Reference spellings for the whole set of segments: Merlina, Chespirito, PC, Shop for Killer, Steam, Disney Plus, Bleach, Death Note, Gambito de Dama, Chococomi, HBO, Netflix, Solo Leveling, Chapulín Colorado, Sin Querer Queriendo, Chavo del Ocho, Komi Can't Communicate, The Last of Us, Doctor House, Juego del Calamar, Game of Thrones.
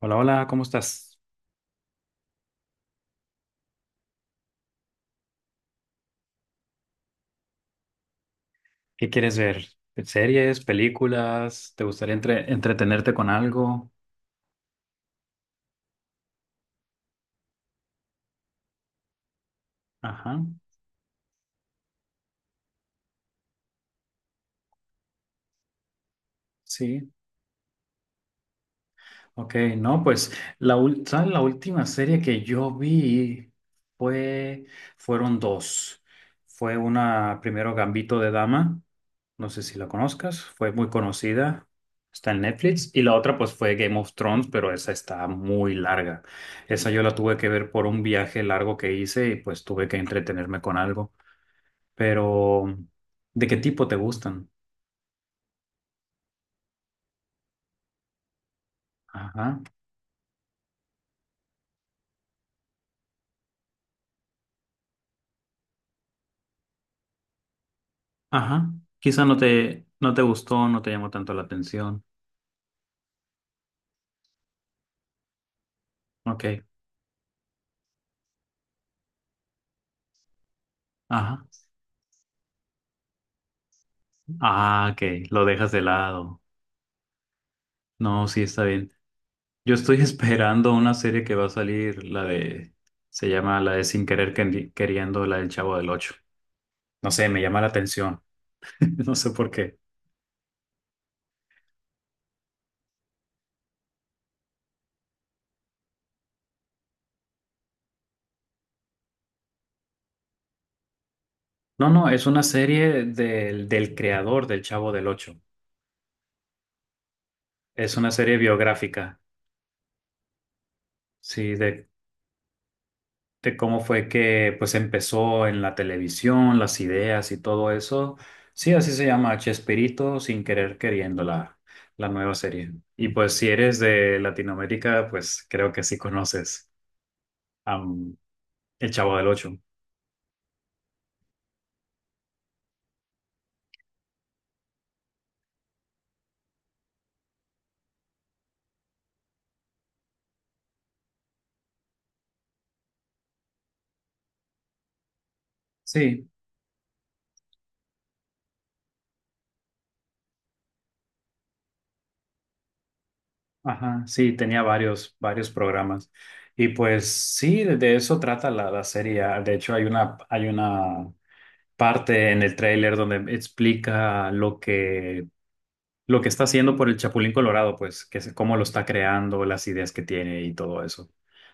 Hola, hola, ¿cómo estás? ¿Qué quieres ver? ¿Series, películas? ¿Te gustaría entretenerte con algo? Ajá, sí. Ok, no, pues ¿sabes? La última serie que yo vi fue, fueron dos. Fue una, primero Gambito de Dama, no sé si la conozcas, fue muy conocida, está en Netflix. Y la otra pues fue Game of Thrones, pero esa está muy larga. Esa yo la tuve que ver por un viaje largo que hice y pues tuve que entretenerme con algo. Pero ¿de qué tipo te gustan? Ajá, ajá. Quizá no te, no te gustó, no te llamó tanto la atención. Ok, ajá. Ah, ok, lo dejas de lado. No, sí, está bien. Yo estoy esperando una serie que va a salir, se llama la de Sin Querer Quendi- Queriendo, la del Chavo del Ocho. No sé, me llama la atención. No sé por qué. No, no, es una serie del creador del Chavo del Ocho. Es una serie biográfica. Sí, de cómo fue que pues empezó en la televisión, las ideas y todo eso. Sí, así se llama Chespirito, sin querer queriendo la nueva serie. Y pues si eres de Latinoamérica, pues creo que sí conoces a El Chavo del Ocho. Sí, ajá, sí, tenía varios, varios programas. Y pues sí, de eso trata la serie. Ah, de hecho, hay una parte en el tráiler donde explica lo que está haciendo por el Chapulín Colorado, pues, que es cómo lo está creando, las ideas que tiene y todo eso.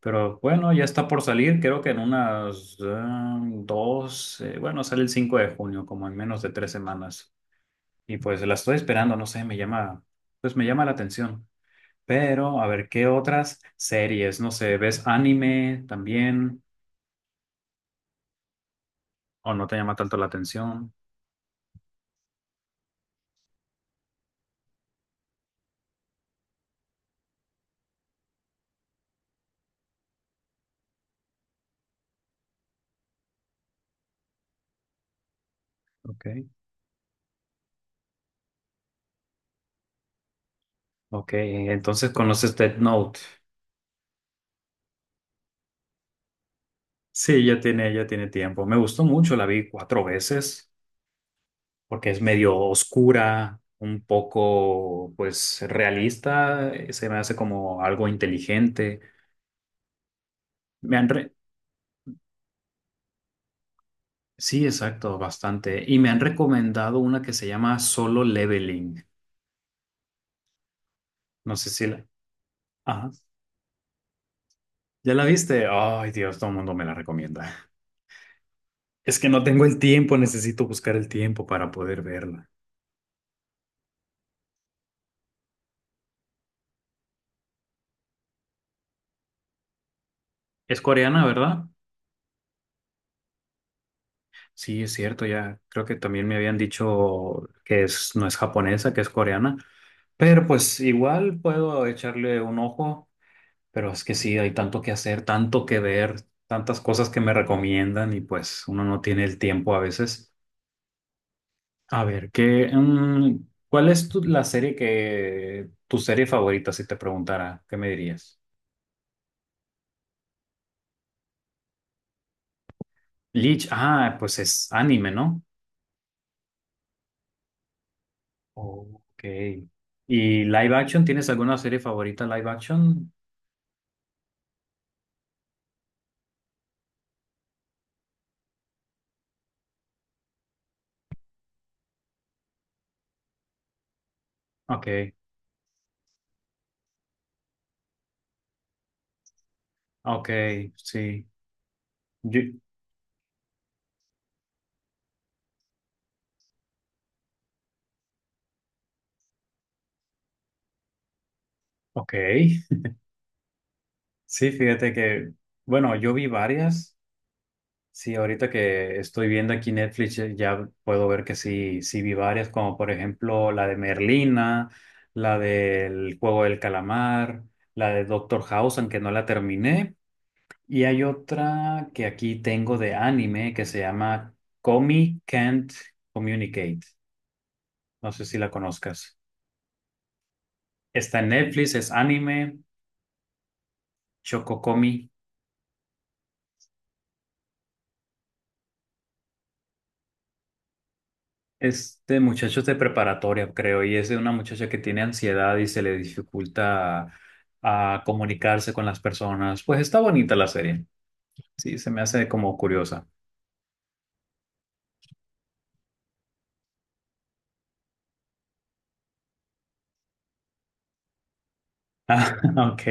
Pero bueno, ya está por salir, creo que en bueno, sale el 5 de junio, como en menos de tres semanas. Y pues la estoy esperando, no sé, pues me llama la atención. Pero a ver, ¿qué otras series? No sé, ¿ves anime también? ¿O no te llama tanto la atención? Ok. Ok, entonces conoces Death Note. Sí, ya tiene tiempo. Me gustó mucho, la vi 4 veces, porque es medio oscura, un poco, pues, realista, se me hace como algo inteligente. Me han re- Sí, exacto, bastante. Y me han recomendado una que se llama Solo Leveling. No sé si la... Ajá. ¿Ya la viste? Ay, Dios, todo el mundo me la recomienda. Es que no tengo el tiempo, necesito buscar el tiempo para poder verla. ¿Es coreana, verdad? Sí, es cierto, ya creo que también me habían dicho que es, no es japonesa, que es coreana, pero pues igual puedo echarle un ojo, pero es que sí, hay tanto que hacer, tanto que ver, tantas cosas que me recomiendan y pues uno no tiene el tiempo a veces. A ver, ¿cuál es la serie tu serie favorita, si te preguntara, qué me dirías? Bleach, ah, pues es anime, ¿no? Ok. ¿Y live action? ¿Tienes alguna serie favorita live action? Ok. Ok, sí. Yo, ok, sí, fíjate que, bueno, yo vi varias. Sí, ahorita que estoy viendo aquí Netflix, ya puedo ver que sí, sí vi varias, como por ejemplo la de Merlina, la del Juego del Calamar, la de Doctor House, aunque no la terminé. Y hay otra que aquí tengo de anime que se llama Komi Can't Communicate. No sé si la conozcas. Está en Netflix, es anime, Chococomi. Este muchacho es de preparatoria, creo, y es de una muchacha que tiene ansiedad y se le dificulta a, comunicarse con las personas. Pues está bonita la serie. Sí, se me hace como curiosa. Ah, ok.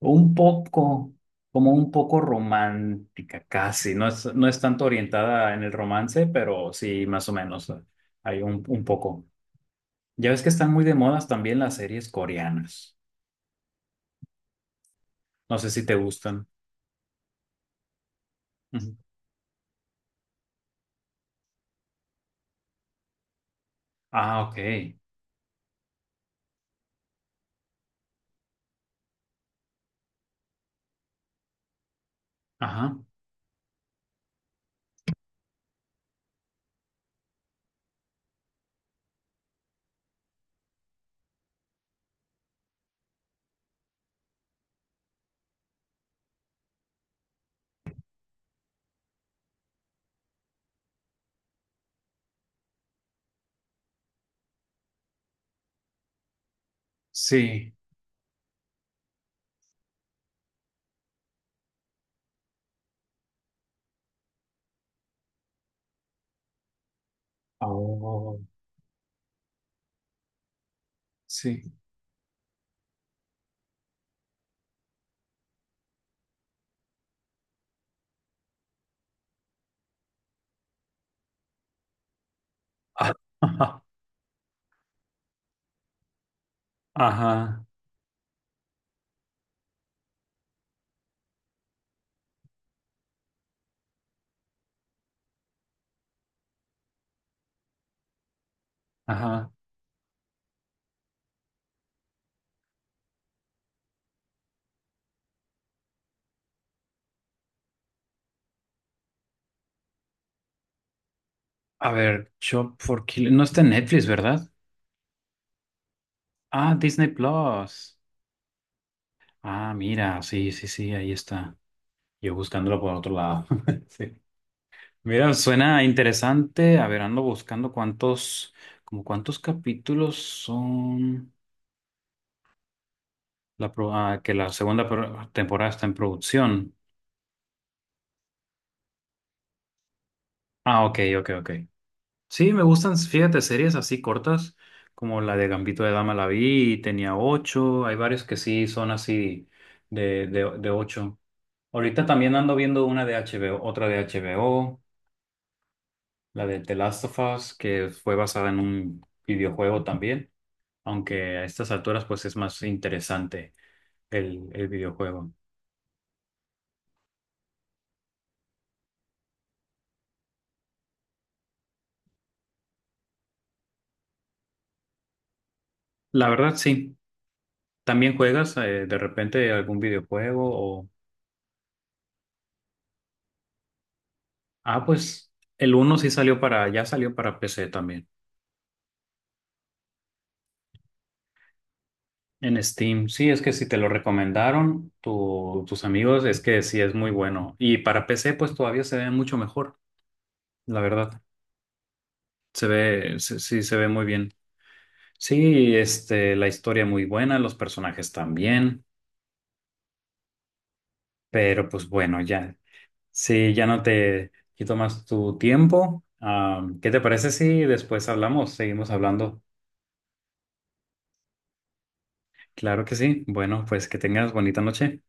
Un poco, como un poco romántica, casi. No es, no es tanto orientada en el romance, pero sí, más o menos. Hay un poco. Ya ves que están muy de modas también las series coreanas. No sé si te gustan. Ujú. Ah, ok. Ajá. Sí. Oh, sí. Ah, ajá, ajá. A ver, Shop for Killer. No está en Netflix, ¿verdad? Ah, Disney Plus. Ah, mira, sí, sí, sí, ahí está. Yo buscándolo por otro lado. Sí. Mira, suena interesante. A ver, ando buscando cuántos, como cuántos capítulos son ah, que la segunda temporada está en producción. Ah, ok, ok, ok. Sí, me gustan, fíjate, series así cortas, como la de Gambito de Dama la vi y tenía ocho. Hay varios que sí son así de ocho. Ahorita también ando viendo una de HBO, otra de HBO, la de The Last of Us, que fue basada en un videojuego también, aunque a estas alturas pues es más interesante el videojuego. La verdad sí, también juegas de repente algún videojuego o... Ah, pues el uno sí salió para, ya salió para PC también. En Steam, sí, es que si te lo recomendaron tus amigos, es que sí es muy bueno. Y para PC, pues todavía se ve mucho mejor, la verdad. Se ve, sí, se ve muy bien. Sí, este, la historia muy buena, los personajes también, pero pues bueno, ya. Sí, ya no te quito más tu tiempo. Ah, ¿qué te parece si después hablamos? Seguimos hablando. Claro que sí. Bueno, pues que tengas bonita noche.